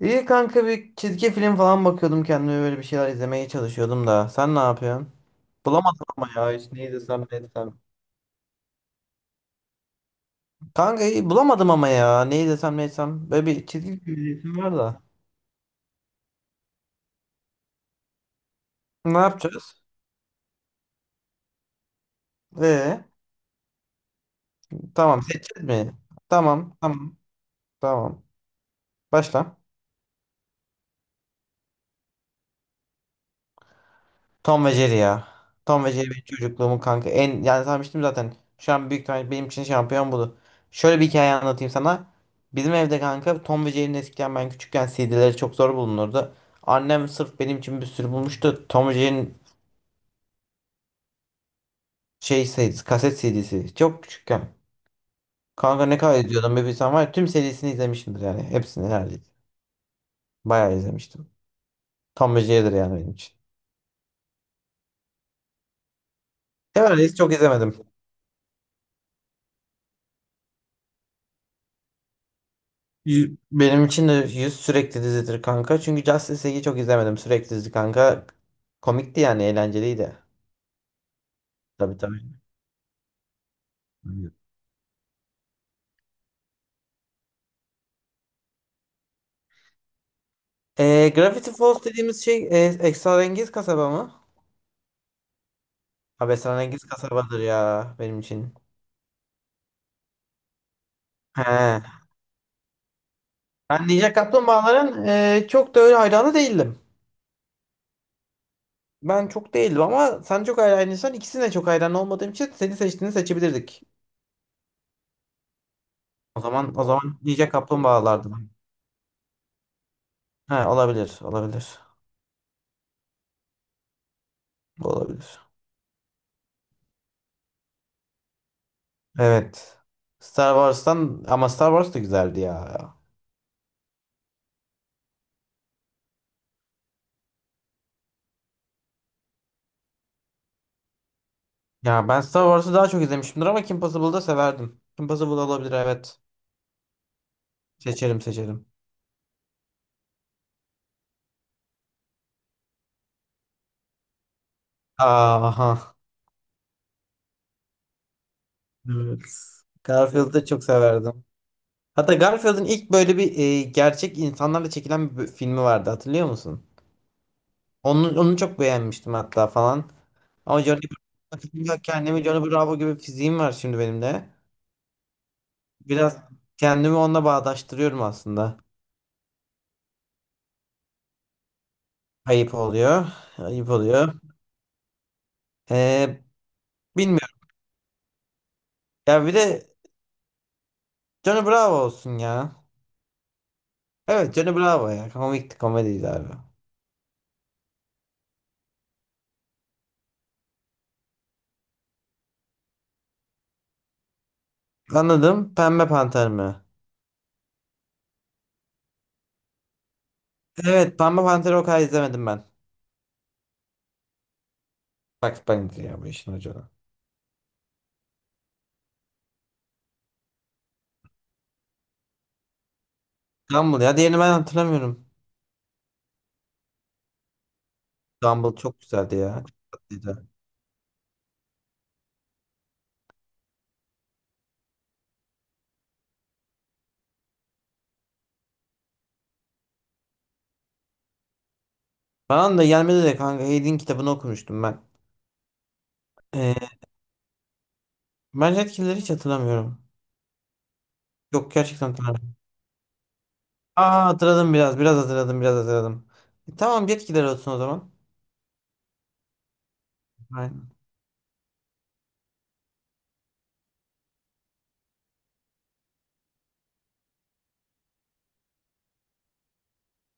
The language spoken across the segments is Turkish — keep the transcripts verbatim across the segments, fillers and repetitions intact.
İyi kanka, bir çizgi film falan bakıyordum kendime, böyle bir şeyler izlemeye çalışıyordum da. Sen ne yapıyorsun? Bulamadım ama ya, hiç ne izlesem ne etsem. Kanka iyi bulamadım ama ya, ne izlesem ne etsem. Böyle bir çizgi film izleyesim var da. Ne yapacağız? Ee, tamam, seçeceğiz mi? Tamam tamam tamam. Başla. Tom ve Jerry ya. Tom ve Jerry benim çocukluğumun kanka. En yani sanmıştım zaten. Şu an büyük ihtimalle benim için şampiyon budu. Şöyle bir hikaye anlatayım sana. Bizim evde kanka, Tom ve Jerry'nin eskiden, ben küçükken, C D'leri çok zor bulunurdu. Annem sırf benim için bir sürü bulmuştu Tom ve Jerry'nin. Şey C D'si, kaset C D'si. Çok küçükken. Kanka ne kadar izliyordum bir bilsem var ya. Tüm serisini izlemişimdir yani. Hepsini neredeyse. Bayağı izlemiştim. Tom ve Jerry'dir yani benim için. Sever, çok izlemedim. Y- Benim için de yüz sürekli dizidir kanka. Çünkü Justice League'i çok izlemedim. Sürekli dizi kanka. Komikti, yani eğlenceliydi. Tabii, tabii. Aynen. Ee, Gravity Falls dediğimiz şey e, esrarengiz kasaba mı? Abi esrarengiz kasabadır ya benim için. He. Ben Ninja Kaplumbağaların e, çok da öyle hayranı değildim. Ben çok değildim, ama sen çok hayranıysan, ikisine çok hayran olmadığım için seni seçtiğini seçebilirdik. O zaman, o zaman Ninja Kaplumbağalardı. He, olabilir, olabilir. Bu olabilir. Evet. Star Wars'tan, ama Star Wars da güzeldi ya. Ya, ben Star Wars'ı daha çok izlemişimdir, ama Kim Possible'ı da severdim. Kim Possible olabilir, evet. Seçerim, seçerim. Aha. Evet. Garfield'ı da çok severdim. Hatta Garfield'ın ilk böyle bir e, gerçek insanlarla çekilen bir filmi vardı, hatırlıyor musun? Onu, onu çok beğenmiştim hatta falan. Ama Johnny Bravo, kendimi Johnny Bravo gibi, fiziğim var şimdi benim de. Biraz kendimi onunla bağdaştırıyorum aslında. Ayıp oluyor. Ayıp oluyor. Ee, bilmiyorum. Ya bir de Johnny Bravo olsun ya. Evet, Johnny Bravo ya. Komikti, komediydi abi. Anladım. Pembe Panter mi? Evet, Pembe Panter'i o kadar izlemedim ben. Bak, Bunny ya, bu işin hocaları. Gumball ya, diğerini ben hatırlamıyorum. Gumball çok güzeldi ya. Çok tatlıydı. Bana da gelmedi de kanka, Hayd'in kitabını okumuştum ben. Ee, ben etkileri hiç hatırlamıyorum. Yok, gerçekten hatırlamıyorum. Aa, hatırladım biraz. Biraz hatırladım, biraz hatırladım. E, tamam, yetkiler olsun o zaman. Aynen.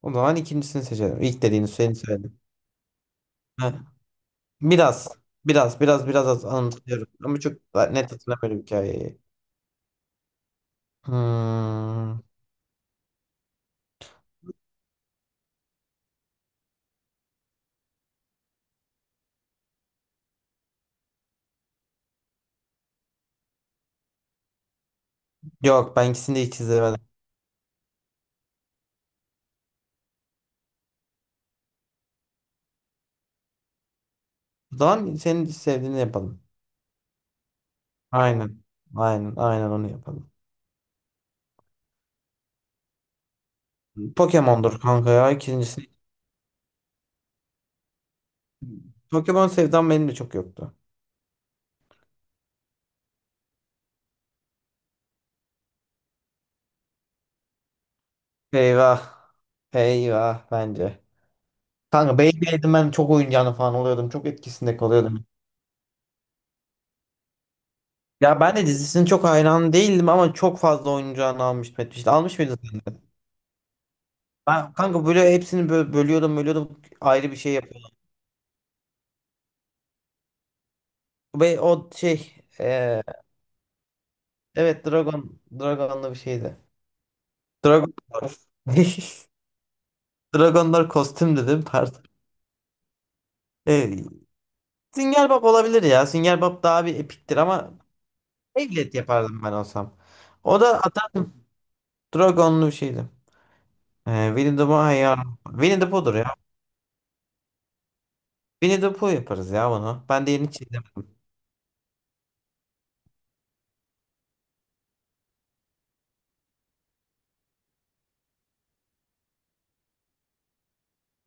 O zaman ikincisini seçelim. İlk dediğini seni söyledim. Heh. Biraz. Biraz. Biraz. Biraz az anımsıyorum. Ama çok net hatırlamıyorum hikayeyi. Hmm. Yok, ben ikisini de hiç izlemedim. O zaman senin sevdiğini yapalım. Aynen. Aynen. Aynen, onu yapalım. Pokemon'dur kanka ya, ikincisi. Pokemon sevdam benim de çok yoktu. Eyvah. Eyvah bence. Kanka Beyblade'in ben çok oyuncağını falan oluyordum. Çok etkisinde kalıyordum. Ya, ben de dizisinin çok hayran değildim, ama çok fazla oyuncağını almıştım etmişti. Almış mıydın sen? Ben kanka, böyle hepsini bö- bölüyordum, bölüyordum, ayrı bir şey yapıyordum. Ve o şey, eee, evet, Dragon Dragon'da bir şeydi. Dragonlar. Dragonlar kostüm dedim, pardon. E, Sünger Bob olabilir ya. Sünger Bob daha bir epiktir, ama Beyblade yapardım ben olsam. O da atardım. Dragonlu bir şeydi. E, Winnie the Pooh ya. Winnie the Pooh'dur ya. Winnie the Pooh yaparız ya bunu. Ben de yeni çizdim.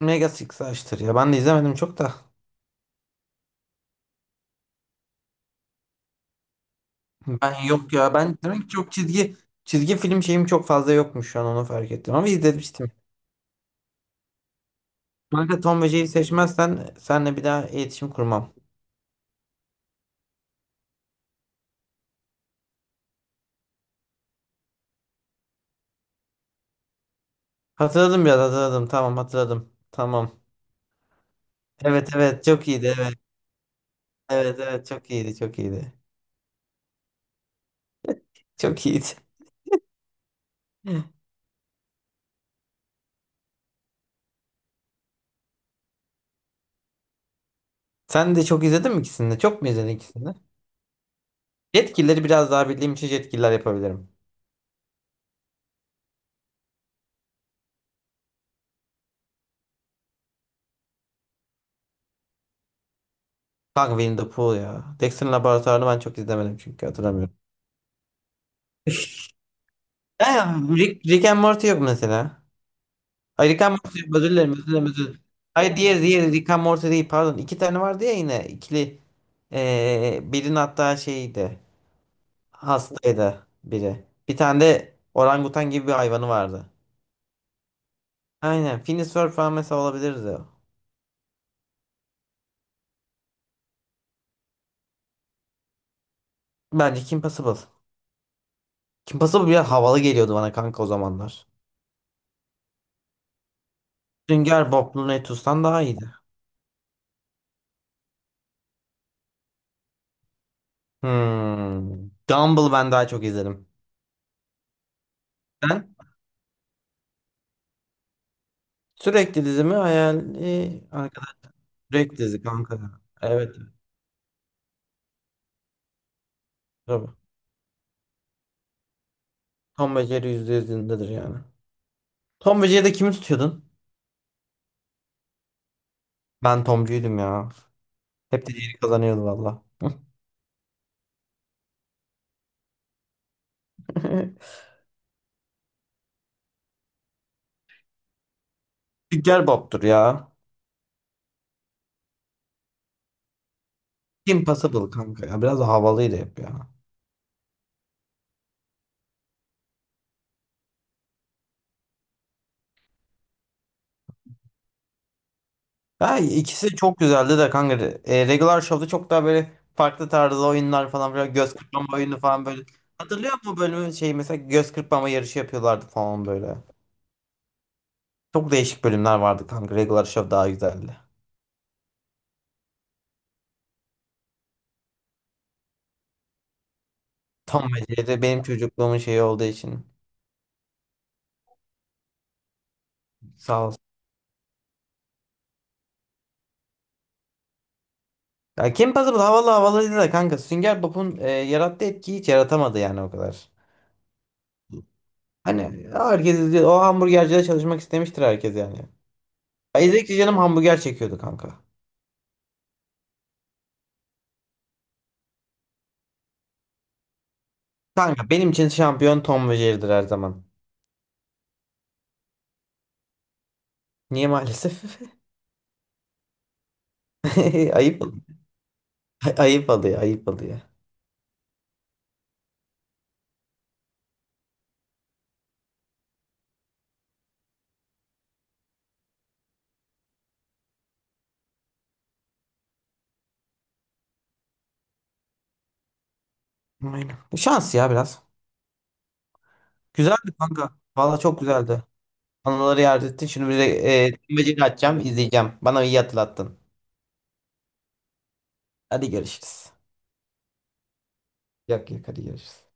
Mega Six'i açtır ya. Ben de izlemedim çok da. Ben yok ya. Ben demek ki çok çizgi çizgi film şeyim çok fazla yokmuş, şu an onu fark ettim. Ama izlemiştim. Kanka, Tom ve Jerry seçmezsen senle bir daha iletişim kurmam. Hatırladım, biraz hatırladım. Tamam, hatırladım. Tamam. Evet, evet, çok iyiydi, evet. Evet, evet, çok iyiydi, çok iyiydi. Çok iyiydi. Sen de çok izledin mi ikisini de? Çok mu izledin ikisini de? Jetgilleri biraz daha bildiğim için Jetgiller yapabilirim. Kanka Winnie the Pooh ya. Dexter'ın Laboratuvarı'nı ben çok izlemedim, çünkü hatırlamıyorum. Ha, Rick, Rick and Morty yok mesela. Ay, Rick and Morty yok. Özür dilerim, özür dilerim, özür dilerim. Hayır, diğer, diğer Rick and Morty değil, pardon. İki tane vardı ya, yine ikili. Ee, birinin hatta şeydi. Hastaydı biri. Bir tane de orangutan gibi bir hayvanı vardı. Aynen. Phineas Ferb falan mesela olabilirdi. Bence Kim Possible. Kim Possible bile havalı geliyordu bana kanka o zamanlar. Sünger Bob Lunetus'tan daha iyiydi. Hmm. Gumball ben daha çok izledim. Ben sürekli dizimi hayal. Direkt dizi kanka, ya. Evet, evet. Tabii. Tom ve Jerry yüzde yüzündedir yani. Tom ve Jerry'de kimi tutuyordun? Ben Tomcuydum ya. Hep de Jerry kazanıyordu valla. Sünger Bob'tur ya. Kim Possible kanka ya. Biraz da havalıydı hep ya. Ya ikisi çok güzeldi de kanka. E, Regular Show'da çok daha böyle farklı tarzda oyunlar falan, böyle göz kırpma oyunu falan böyle. Hatırlıyor musun bölümü, şey mesela göz kırpma yarışı yapıyorlardı falan böyle. Çok değişik bölümler vardı kanka. Regular Show daha güzeldi. Tom ve Jerry benim çocukluğumun şeyi olduğu için. Sağ ol. Ya, Kim Possible havalı, havalıydı da kanka, Sünger Bob'un e, yarattığı etkiyi hiç yaratamadı yani o kadar. Hani herkes diyor, o hamburgercide çalışmak istemiştir herkes yani. Ya, İzledikçe canım hamburger çekiyordu kanka. Kanka benim için şampiyon Tom ve Jerry'dir her zaman. Niye maalesef? Ayıp ol- ayıp oluyor, ayıp oluyor. Aynen. Bu şans ya biraz. Güzeldi kanka. Valla çok güzeldi. Anıları yad ettin. Şimdi bir de e, Tom ve Jerry açacağım, izleyeceğim. Bana iyi hatırlattın. Hadi görüşürüz. Yok, yok, hadi görüşürüz.